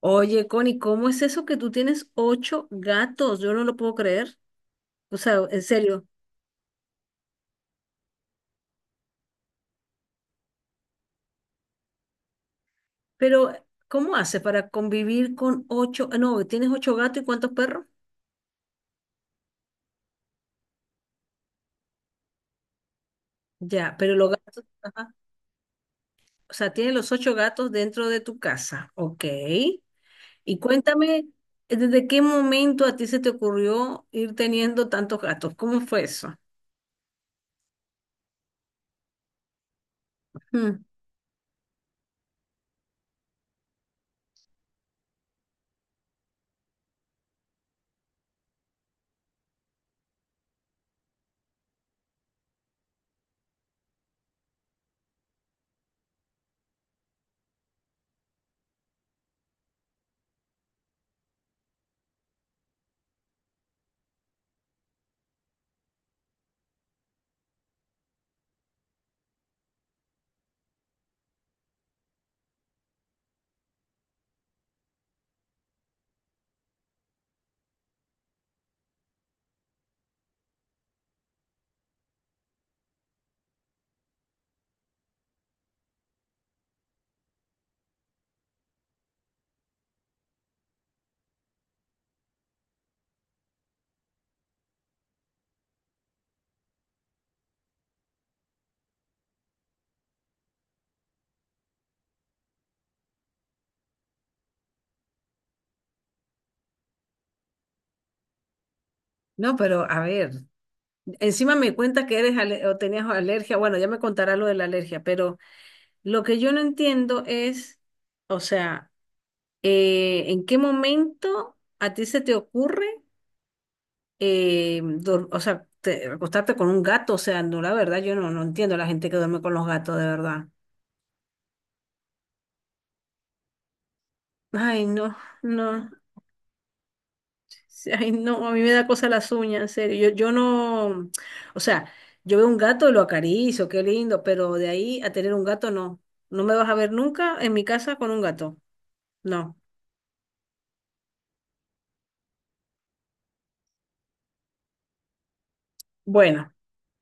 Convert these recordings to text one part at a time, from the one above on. Oye, Connie, ¿cómo es eso que tú tienes ocho gatos? Yo no lo puedo creer. O sea, en serio. Pero, ¿cómo haces para convivir con ocho? Ah, no, ¿tienes ocho gatos y cuántos perros? Ya, pero los gatos, ajá. O sea, tienes los ocho gatos dentro de tu casa. Ok. Y cuéntame, ¿desde qué momento a ti se te ocurrió ir teniendo tantos gatos? ¿Cómo fue eso? Hmm. No, pero a ver, encima me cuentas que o tenías alergia. Bueno, ya me contarás lo de la alergia, pero... Lo que yo no entiendo es, o sea, ¿en qué momento a ti se te ocurre, o sea, acostarte con un gato? O sea, no, la verdad, yo no, no entiendo a la gente que duerme con los gatos, de verdad. Ay, no, no, sí, ay, no, a mí me da cosa las uñas, en serio. Yo no, o sea, yo veo un gato y lo acaricio, qué lindo, pero de ahí a tener un gato, no. No me vas a ver nunca en mi casa con un gato, no. Bueno.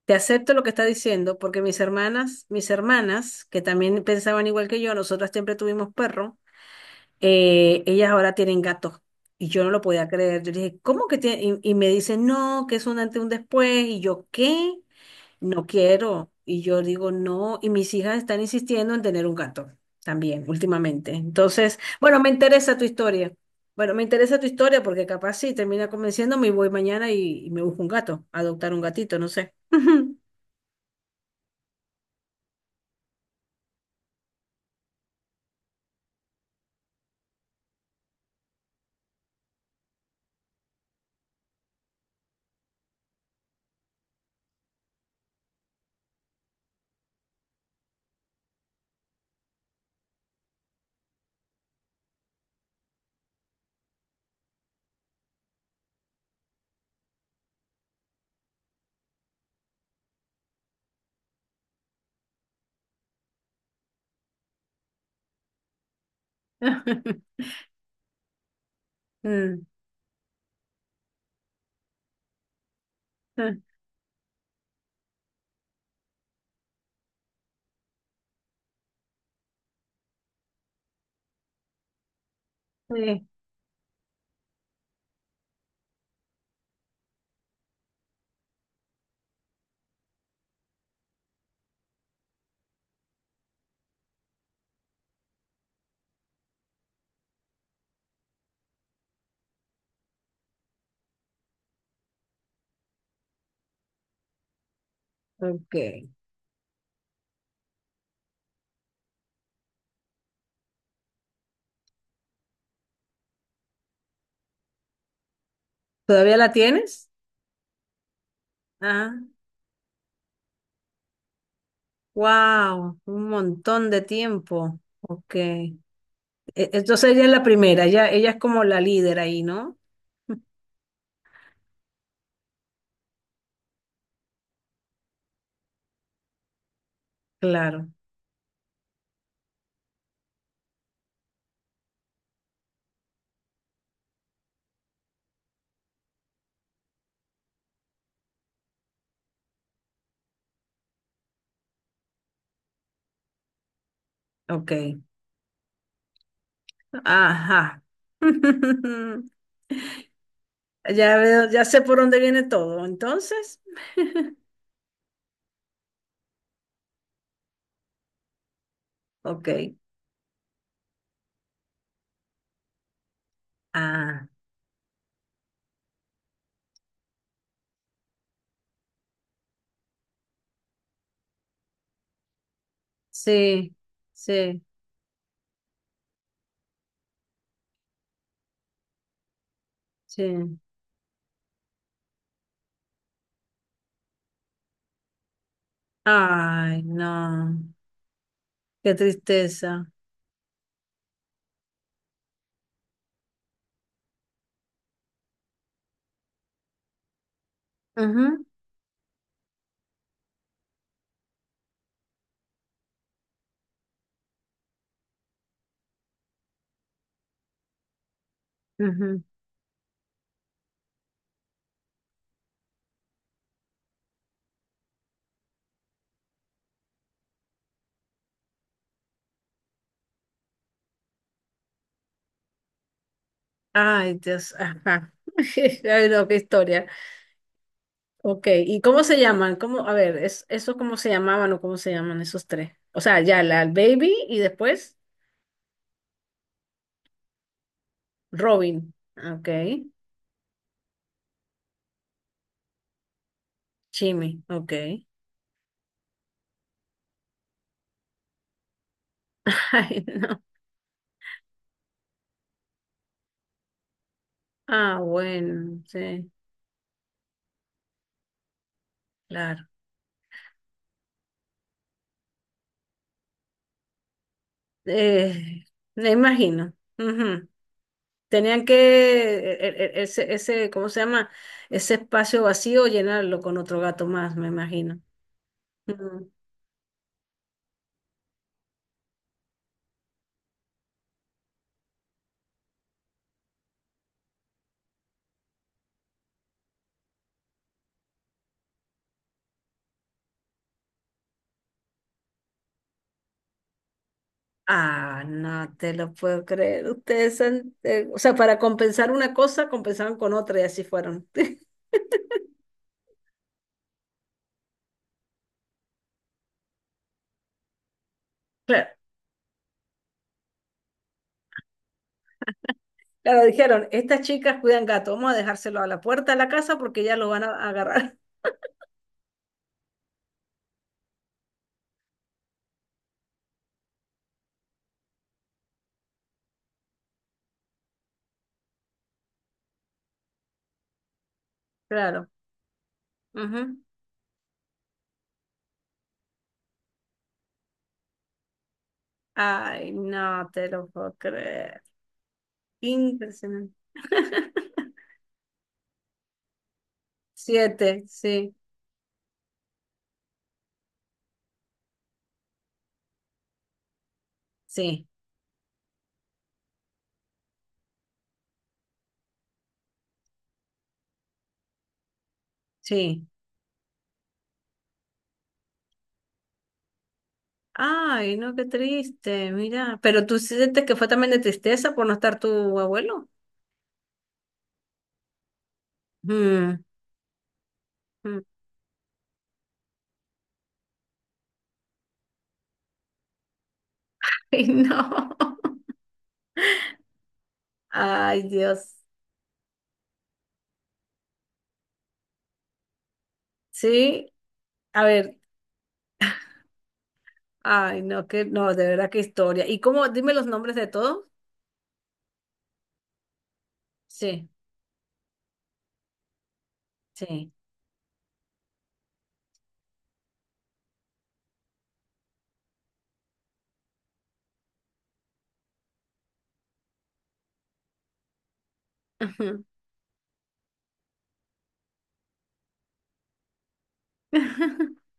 Te acepto lo que está diciendo porque mis hermanas, que también pensaban igual que yo, nosotras siempre tuvimos perro, ellas ahora tienen gatos. Y yo no lo podía creer. Yo dije, ¿cómo que tiene? Y me dicen, no, que es un antes y un después. Y yo, ¿qué? No quiero. Y yo digo, no. Y mis hijas están insistiendo en tener un gato también últimamente. Entonces, bueno, me interesa tu historia. Bueno, me interesa tu historia porque capaz sí termina convenciéndome y voy mañana y me busco un gato, adoptar un gatito, no sé. Mm, ah, sí, ok. ¿Todavía la tienes? Ah, wow, un montón de tiempo. Ok. Entonces ella es la primera, ella es como la líder ahí, ¿no? Claro, ok. Ajá. Ya veo, ya sé por dónde viene todo, entonces. Ok. Ah, sí, sí, sí. Ay, no. Qué tristeza. Ujú, ujú. Ay, Dios, ajá. Ay, no, qué historia. Ok, ¿y cómo se llaman? ¿Cómo, a ver, es, eso cómo se llamaban o cómo se llaman esos tres? O sea, ya, la el baby y después Robin. Ok, Jimmy, ok. Ay, no. Ah, bueno, sí, claro. Eh, Me imagino. Ujú. Tenían que, ese, ¿cómo se llama? Ese espacio vacío llenarlo con otro gato más, me imagino. Ah, no te lo puedo creer. Ustedes han, o sea, para compensar una cosa, compensaban con otra y así fueron. Claro, claro, dijeron, estas chicas cuidan gato, vamos a dejárselo a la puerta de la casa porque ya lo van a agarrar. Claro. Ujú. Ay, no te lo puedo creer. Impresionante. Siete, sí, sí, sí. Ay, no, qué triste, mira. Pero tú sientes que fue también de tristeza por no estar tu abuelo. Mm, mm. Ay, no. Ay, Dios. Sí, a ver, ay, no, que no, de verdad qué historia. ¿Y cómo? Dime los nombres de todos. Sí, sí. Ujú.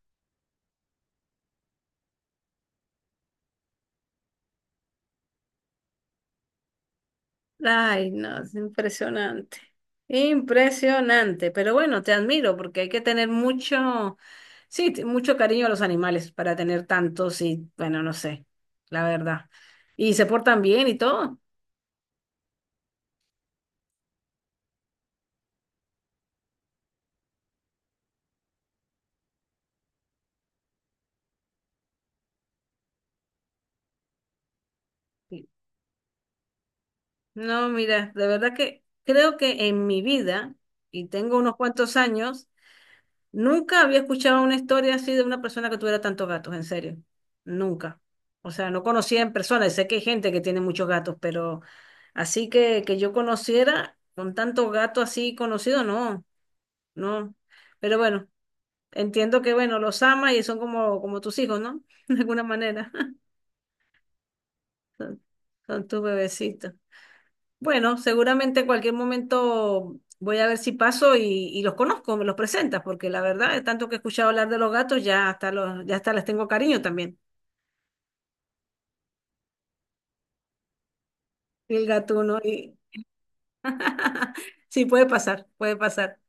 Ay, no, es impresionante. Impresionante, pero bueno, te admiro porque hay que tener mucho, sí, mucho cariño a los animales para tener tantos y, bueno, no sé, la verdad. Y se portan bien y todo. Sí. No, mira, de verdad que creo que en mi vida, y tengo unos cuantos años. Nunca había escuchado una historia así de una persona que tuviera tantos gatos, en serio. Nunca. O sea, no conocía en persona. Y sé que hay gente que tiene muchos gatos, pero así que, yo conociera con tanto gato así conocido, no, no. Pero bueno, entiendo que, bueno, los ama y son como tus hijos, ¿no? De alguna manera. Son, son tus bebecitos. Bueno, seguramente en cualquier momento voy a ver si paso y los conozco, me los presentas, porque la verdad, de tanto que he escuchado hablar de los gatos, ya hasta les tengo cariño también. Y el gatuno, y sí, puede pasar, puede pasar.